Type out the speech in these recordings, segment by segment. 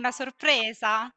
Una sorpresa?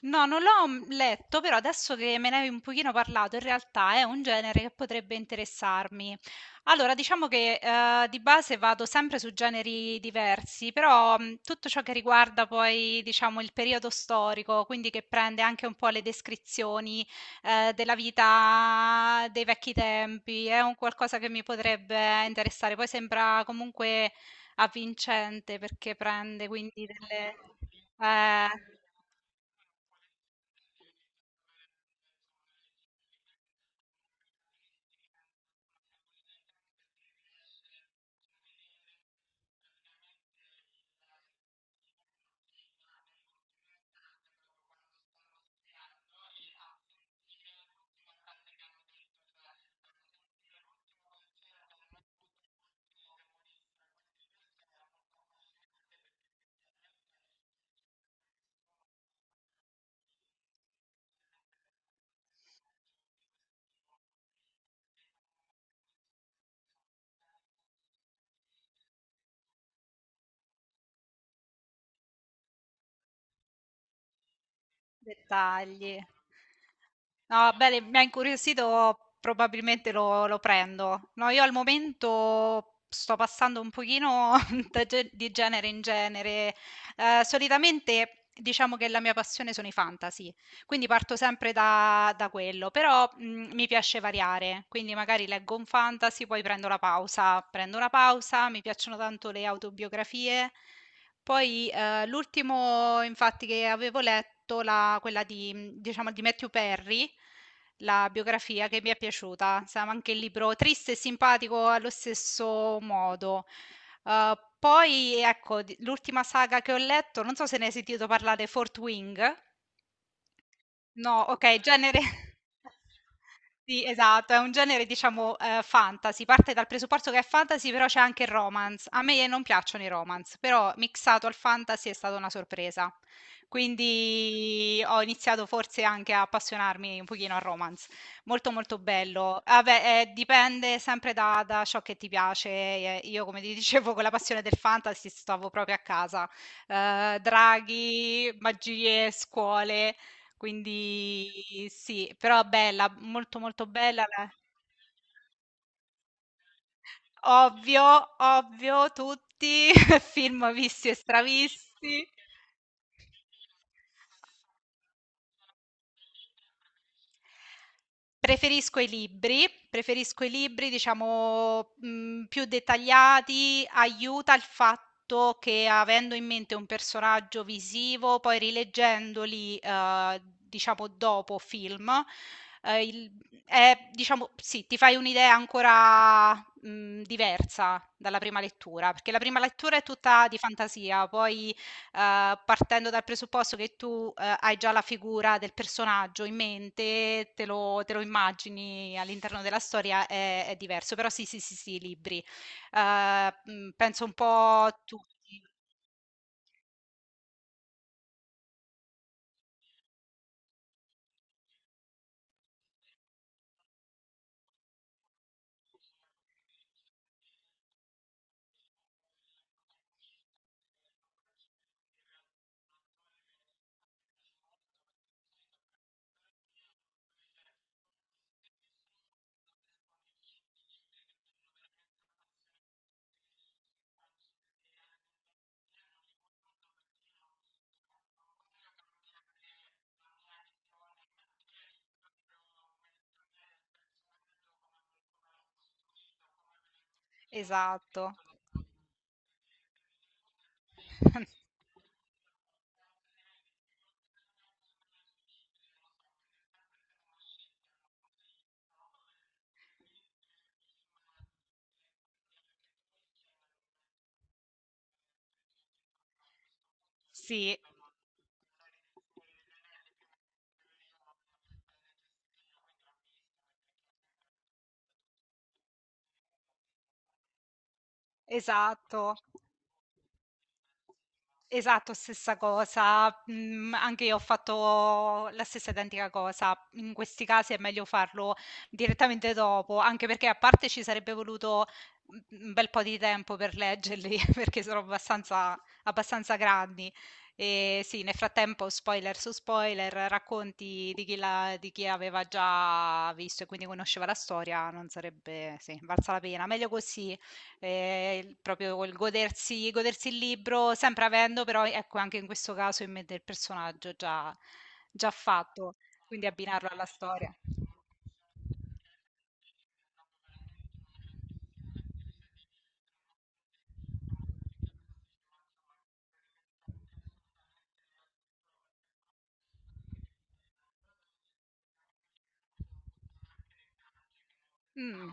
No, non l'ho, letto, però adesso che me ne hai un pochino parlato, in realtà è un genere che potrebbe interessarmi. Allora, diciamo che, di base vado sempre su generi diversi, però, tutto ciò che riguarda poi, diciamo, il periodo storico, quindi che prende anche un po' le descrizioni, della vita dei vecchi tempi, è un qualcosa che mi potrebbe interessare. Poi sembra comunque avvincente perché prende quindi delle eh, Dettagli. No, bene, mi ha incuriosito, probabilmente lo prendo. No, io al momento sto passando un pochino da di genere in genere. Solitamente diciamo che la mia passione sono i fantasy, quindi parto sempre da quello, però mi piace variare, quindi magari leggo un fantasy, poi prendo la pausa, prendo una pausa, mi piacciono tanto le autobiografie, poi, l'ultimo infatti che avevo letto, la quella di diciamo di Matthew Perry, la biografia che mi è piaciuta. Stava anche il libro triste e simpatico allo stesso modo. Poi ecco, di l'ultima saga che ho letto, non so se ne hai sentito parlare, Fourth Wing? No, okay, genere Sì, esatto, è un genere diciamo, fantasy, parte dal presupposto che è fantasy, però c'è anche il romance. A me non piacciono i romance, però mixato al fantasy è stata una sorpresa. Quindi ho iniziato forse anche a appassionarmi un pochino al romance. Molto, molto bello. Ah beh, dipende sempre da ciò che ti piace. Io come ti dicevo con la passione del fantasy stavo proprio a casa. Draghi, magie, scuole, quindi sì, però bella, molto molto bella, ovvio, ovvio, tutti, film visti e stravisti. Preferisco i libri diciamo, più dettagliati, aiuta il fatto che avendo in mente un personaggio visivo, poi rileggendoli, diciamo dopo film, il è diciamo sì, ti fai un'idea ancora, diversa dalla prima lettura, perché la prima lettura è tutta di fantasia, poi partendo dal presupposto che tu, hai già la figura del personaggio in mente, te lo immagini all'interno della storia, è diverso. Però sì, sì, sì, sì, libri. Penso un po' tu Esatto. Sì, esatto. Esatto, stessa cosa. Mhmm, anche io ho fatto la stessa identica cosa. In questi casi è meglio farlo direttamente dopo, anche perché a parte ci sarebbe voluto, mhmm, un bel po' di tempo per leggerli, perché sono abbastanza grandi. E sì, nel frattempo spoiler su spoiler, racconti di chi l'ha di chi aveva già visto e quindi conosceva la storia, non sarebbe sì, valsa la pena. Meglio così. Il proprio il godersi il libro, sempre avendo però, ecco, anche in questo caso in mente il personaggio già già fatto, quindi abbinarlo alla storia. Mh.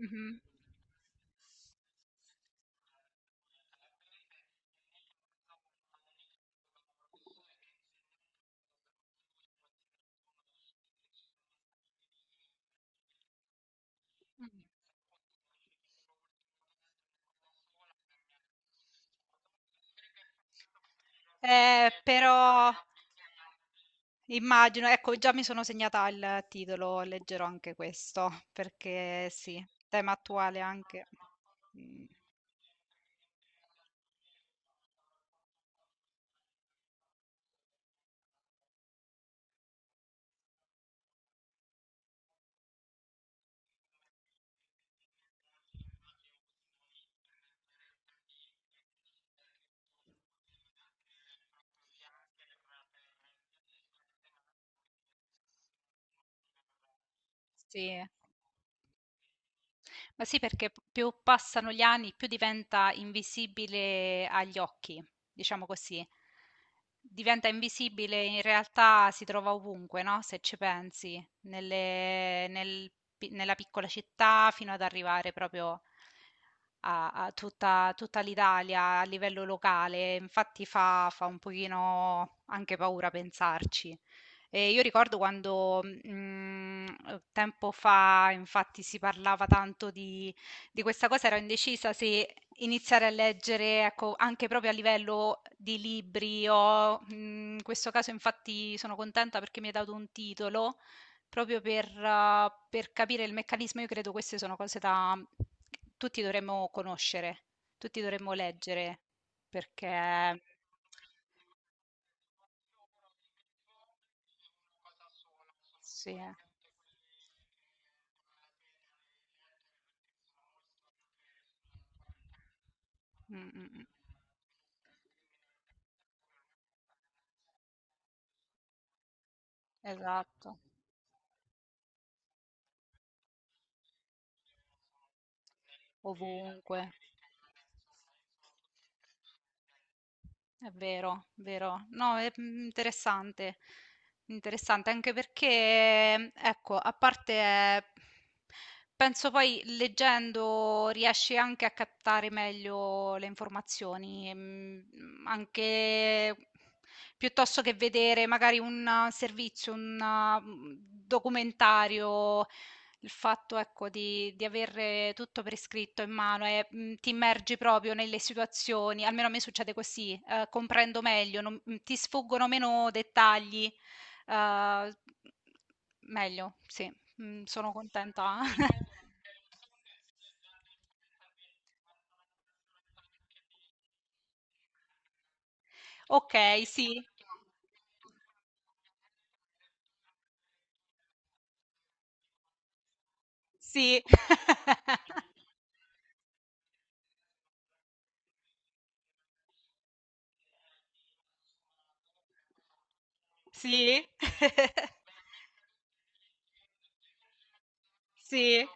Mh-mh. Mh. Però immagino, ecco già mi sono segnata il titolo, leggerò anche questo, perché sì, tema attuale anche. Mh, sì. Ma sì, perché p più passano gli anni, più diventa invisibile agli occhi, diciamo così. Diventa invisibile, in realtà si trova ovunque, no, se ci pensi, nel pi nella piccola città fino ad arrivare proprio a tutta l'Italia a livello locale. Infatti fa un pochino anche paura pensarci. Io ricordo quando, tempo fa infatti si parlava tanto di questa cosa, ero indecisa se iniziare a leggere, ecco, anche proprio a livello di libri o in questo caso infatti sono contenta perché mi hai dato un titolo, proprio per capire il meccanismo. Io credo queste sono cose da tutti dovremmo conoscere, tutti dovremmo leggere, perché sì, eh. Mm, mm, mm. Esatto, ovunque. È vero, vero. No, è mm, interessante. Interessante anche perché, ecco, a parte, penso poi leggendo riesci anche a captare meglio le informazioni, mm, anche piuttosto che vedere magari un servizio, un uh, documentario. Il fatto, ecco, di avere tutto per iscritto in mano e, ti immergi proprio nelle situazioni, almeno a me succede così, comprendo meglio, non mhmm, ti sfuggono meno dettagli, ehm, meglio, sì, sono contenta. Okay, sì. Sì, sì, sì.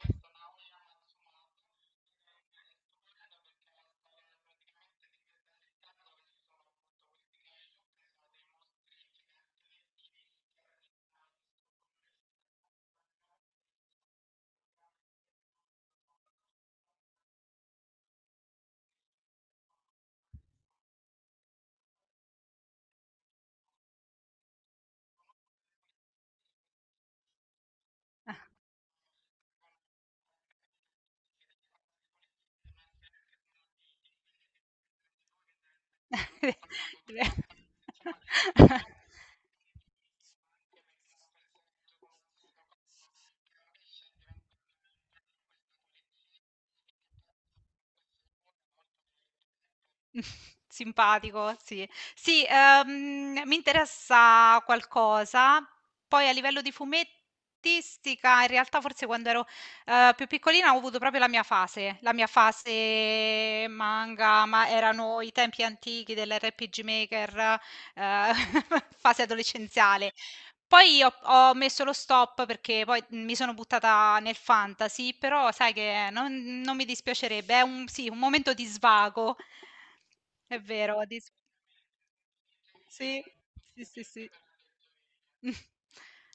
Simpatico, sì. Sì, mi interessa qualcosa. Poi a livello di fumettistica, in realtà forse quando ero, più piccolina ho avuto proprio la mia fase manga, ma erano i tempi antichi dell'RPG Maker, ehm, fase adolescenziale. Poi ho messo lo stop perché poi mi sono buttata nel fantasy, però sai che non mi dispiacerebbe, è un, sì, un momento di svago, è vero, sì, sì, sì, sì.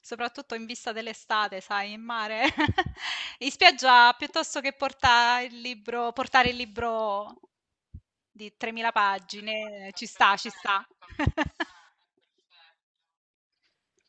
Soprattutto in vista dell'estate, sai, in mare, in spiaggia piuttosto che portare il libro di 3.000 pagine, ci sta, ci sta.